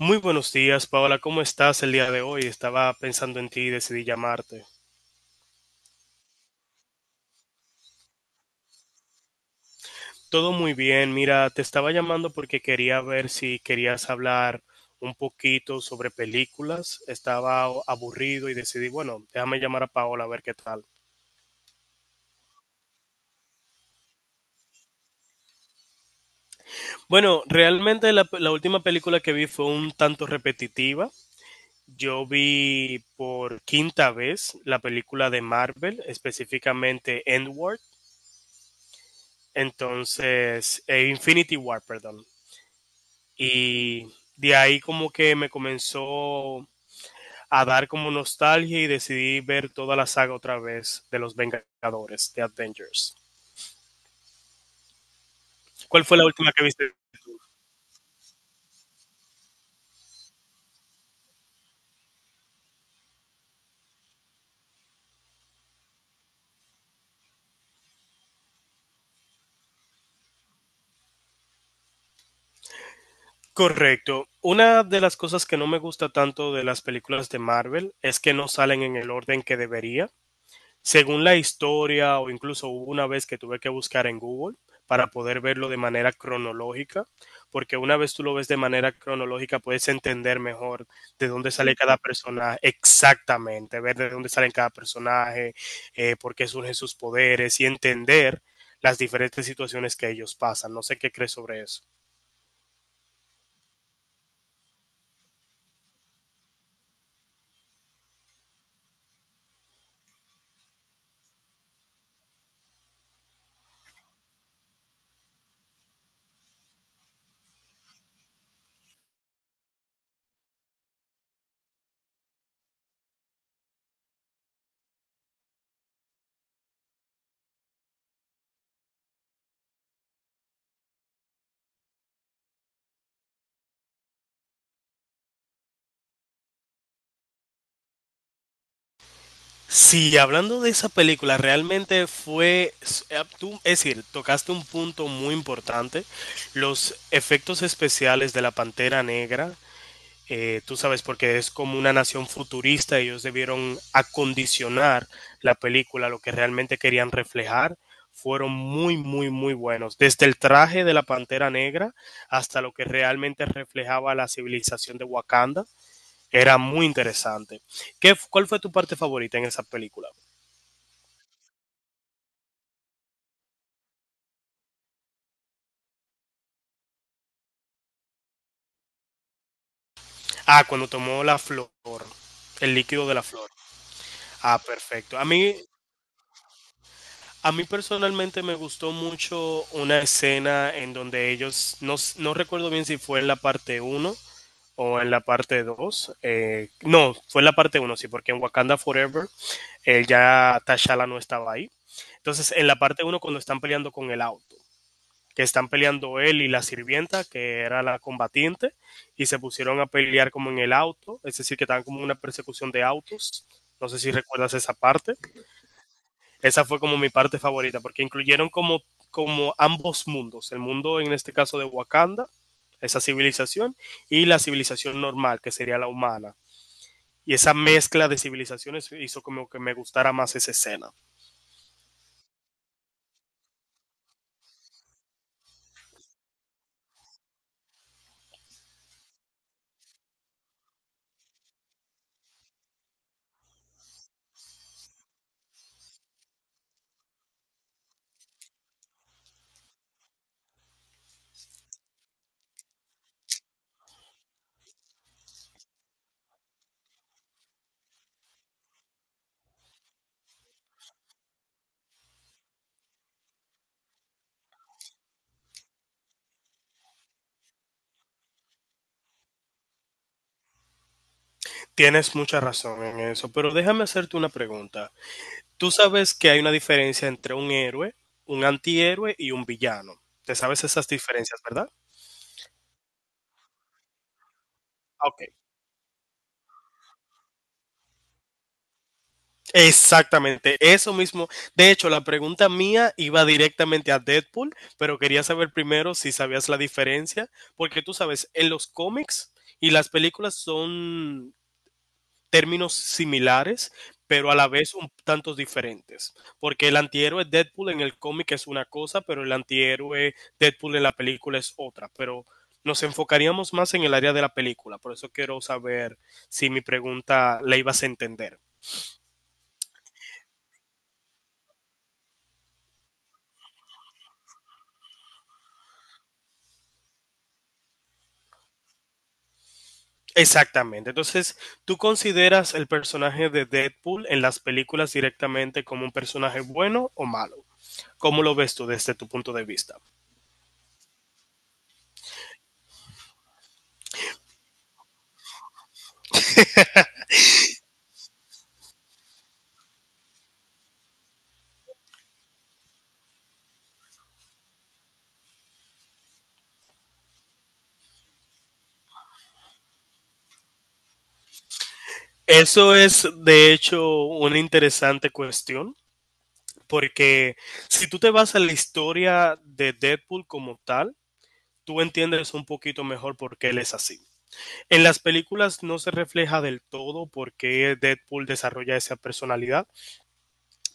Muy buenos días, Paola. ¿Cómo estás el día de hoy? Estaba pensando en ti y decidí llamarte. Todo muy bien. Mira, te estaba llamando porque quería ver si querías hablar un poquito sobre películas. Estaba aburrido y decidí, bueno, déjame llamar a Paola a ver qué tal. Bueno, realmente la última película que vi fue un tanto repetitiva. Yo vi por quinta vez la película de Marvel, específicamente Endward. Entonces, Infinity War, perdón. Y de ahí como que me comenzó a dar como nostalgia y decidí ver toda la saga otra vez de los Vengadores, de Avengers. ¿Cuál fue la última que viste? Correcto. Una de las cosas que no me gusta tanto de las películas de Marvel es que no salen en el orden que debería. Según la historia, o incluso hubo una vez que tuve que buscar en Google para poder verlo de manera cronológica, porque una vez tú lo ves de manera cronológica puedes entender mejor de dónde sale cada personaje exactamente, ver de dónde salen cada personaje, por qué surgen sus poderes y entender las diferentes situaciones que ellos pasan. No sé qué crees sobre eso. Sí, hablando de esa película, realmente es decir, tocaste un punto muy importante. Los efectos especiales de la Pantera Negra, tú sabes, porque es como una nación futurista, ellos debieron acondicionar la película, lo que realmente querían reflejar, fueron muy, muy, muy buenos. Desde el traje de la Pantera Negra hasta lo que realmente reflejaba la civilización de Wakanda, era muy interesante. Cuál fue tu parte favorita en esa película? Ah, cuando tomó la flor, el líquido de la flor. Ah, perfecto. A mí personalmente me gustó mucho una escena en donde ellos, no, no recuerdo bien si fue en la parte uno o en la parte 2. No, fue en la parte uno, sí, porque en Wakanda Forever ya T'Challa no estaba ahí. Entonces, en la parte uno, cuando están peleando con el auto, que están peleando él y la sirvienta, que era la combatiente, y se pusieron a pelear como en el auto, es decir, que estaban como en una persecución de autos. No sé si recuerdas esa parte. Esa fue como mi parte favorita, porque incluyeron como ambos mundos, el mundo en este caso de Wakanda, esa civilización, y la civilización normal, que sería la humana. Y esa mezcla de civilizaciones hizo como que me gustara más esa escena. Tienes mucha razón en eso, pero déjame hacerte una pregunta. Tú sabes que hay una diferencia entre un héroe, un antihéroe y un villano. ¿Te sabes esas diferencias, verdad? Ah, ok, exactamente, eso mismo. De hecho, la pregunta mía iba directamente a Deadpool, pero quería saber primero si sabías la diferencia, porque tú sabes, en los cómics y las películas son términos similares, pero a la vez un tantos diferentes. Porque el antihéroe Deadpool en el cómic es una cosa, pero el antihéroe Deadpool en la película es otra. Pero nos enfocaríamos más en el área de la película. Por eso quiero saber si mi pregunta la ibas a entender. Exactamente. Entonces, ¿tú consideras el personaje de Deadpool en las películas directamente como un personaje bueno o malo? ¿Cómo lo ves tú desde tu punto de vista? Eso es, de hecho, una interesante cuestión. Porque si tú te vas a la historia de Deadpool como tal, tú entiendes un poquito mejor por qué él es así. En las películas no se refleja del todo por qué Deadpool desarrolla esa personalidad,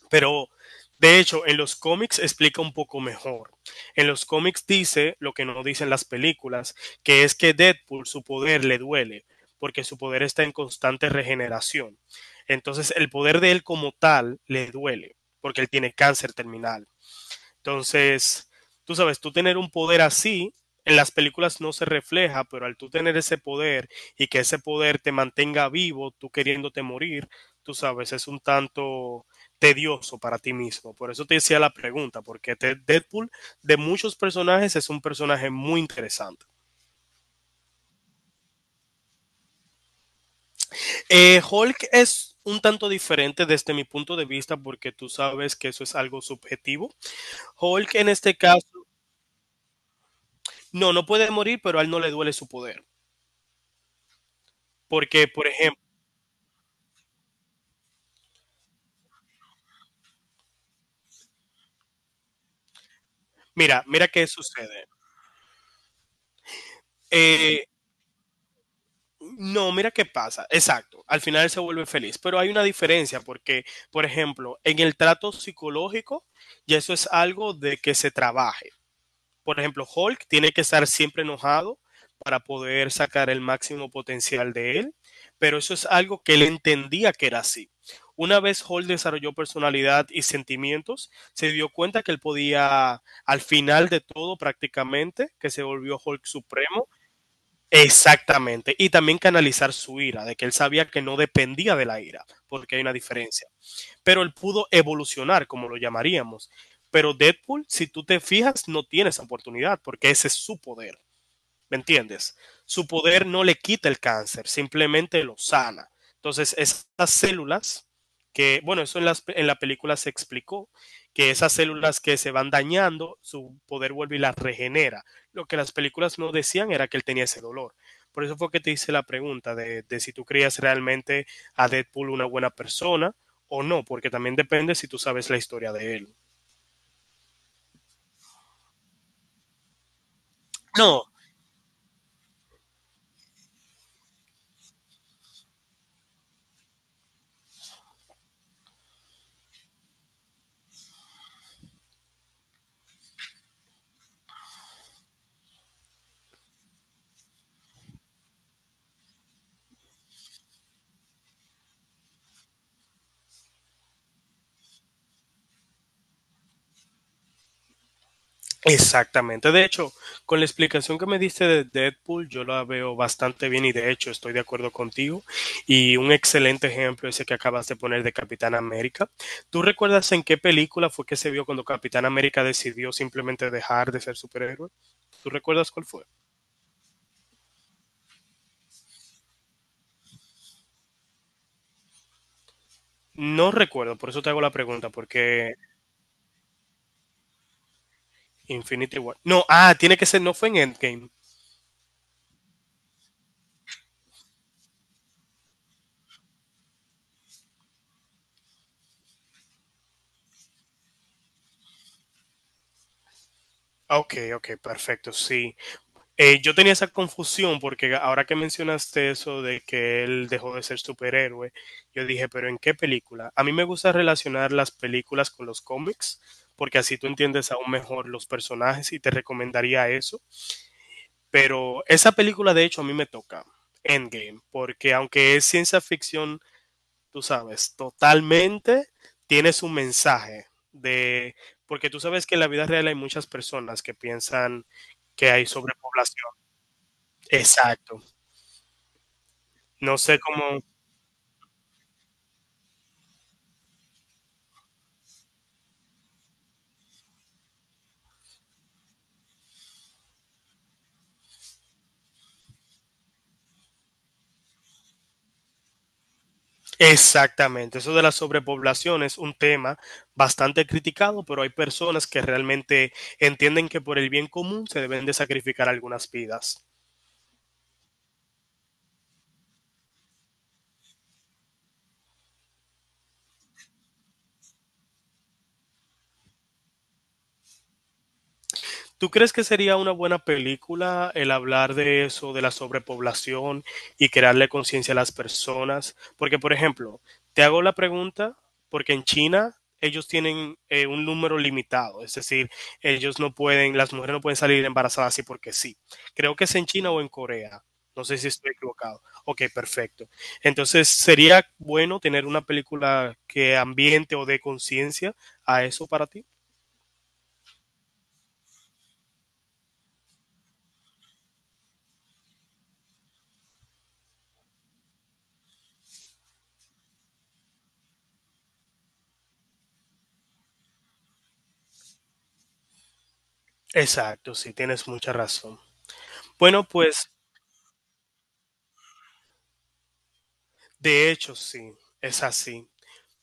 pero de hecho en los cómics explica un poco mejor. En los cómics dice lo que no dicen las películas, que es que Deadpool, su poder le duele, porque su poder está en constante regeneración. Entonces el poder de él como tal le duele, porque él tiene cáncer terminal. Entonces, tú sabes, tú tener un poder así, en las películas no se refleja, pero al tú tener ese poder y que ese poder te mantenga vivo, tú queriéndote morir, tú sabes, es un tanto tedioso para ti mismo. Por eso te decía la pregunta, porque te Deadpool de muchos personajes es un personaje muy interesante. Hulk es un tanto diferente desde mi punto de vista, porque tú sabes que eso es algo subjetivo. Hulk, en este caso, no, no puede morir, pero a él no le duele su poder. Porque, por ejemplo, mira, mira qué sucede. Eh, no, mira qué pasa. Exacto. Al final se vuelve feliz. Pero hay una diferencia porque, por ejemplo, en el trato psicológico, ya eso es algo de que se trabaje. Por ejemplo, Hulk tiene que estar siempre enojado para poder sacar el máximo potencial de él, pero eso es algo que él entendía que era así. Una vez Hulk desarrolló personalidad y sentimientos, se dio cuenta que él podía, al final de todo prácticamente, que se volvió Hulk Supremo, exactamente, y también canalizar su ira, de que él sabía que no dependía de la ira, porque hay una diferencia, pero él pudo evolucionar, como lo llamaríamos. Pero Deadpool, si tú te fijas, no tiene esa oportunidad, porque ese es su poder. ¿Me entiendes? Su poder no le quita el cáncer, simplemente lo sana. Entonces, esas células que, bueno, en la película se explicó, que esas células que se van dañando, su poder vuelve y las regenera. Lo que las películas no decían era que él tenía ese dolor. Por eso fue que te hice la pregunta de, si tú creías realmente a Deadpool una buena persona o no, porque también depende si tú sabes la historia de él. No, exactamente. De hecho, con la explicación que me diste de Deadpool, yo la veo bastante bien y de hecho estoy de acuerdo contigo. Y un excelente ejemplo ese que acabas de poner de Capitán América. ¿Tú recuerdas en qué película fue que se vio cuando Capitán América decidió simplemente dejar de ser superhéroe? ¿Tú recuerdas cuál fue? No recuerdo, por eso te hago la pregunta, porque Infinity War. No, ah, tiene que ser, no fue en Endgame. Ok, ok, perfecto, sí. Yo tenía esa confusión porque ahora que mencionaste eso de que él dejó de ser superhéroe, yo dije, pero ¿en qué película? A mí me gusta relacionar las películas con los cómics, porque así tú entiendes aún mejor los personajes y te recomendaría eso. Pero esa película de hecho a mí me toca, Endgame, porque aunque es ciencia ficción, tú sabes, totalmente tiene su mensaje de... Porque tú sabes que en la vida real hay muchas personas que piensan que hay sobrepoblación. Exacto. No sé cómo exactamente. Eso de la sobrepoblación es un tema bastante criticado, pero hay personas que realmente entienden que por el bien común se deben de sacrificar algunas vidas. ¿Tú crees que sería una buena película el hablar de eso, de la sobrepoblación y crearle conciencia a las personas? Porque, por ejemplo, te hago la pregunta porque en China ellos tienen un número limitado, es decir, ellos no pueden, las mujeres no pueden salir embarazadas así porque sí. Creo que es en China o en Corea. No sé si estoy equivocado. Ok, perfecto. Entonces, ¿sería bueno tener una película que ambiente o dé conciencia a eso para ti? Exacto, sí, tienes mucha razón. Bueno, pues de hecho sí, es así.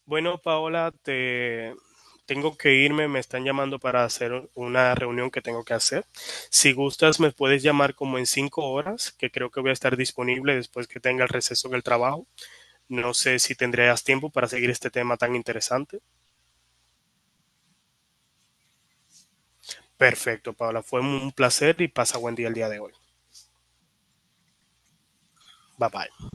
Bueno, Paola, te tengo que irme, me están llamando para hacer una reunión que tengo que hacer. Si gustas, me puedes llamar como en 5 horas, que creo que voy a estar disponible después que tenga el receso del trabajo. No sé si tendrías tiempo para seguir este tema tan interesante. Perfecto, Paola, fue un placer y pasa buen día el día de hoy. Bye bye.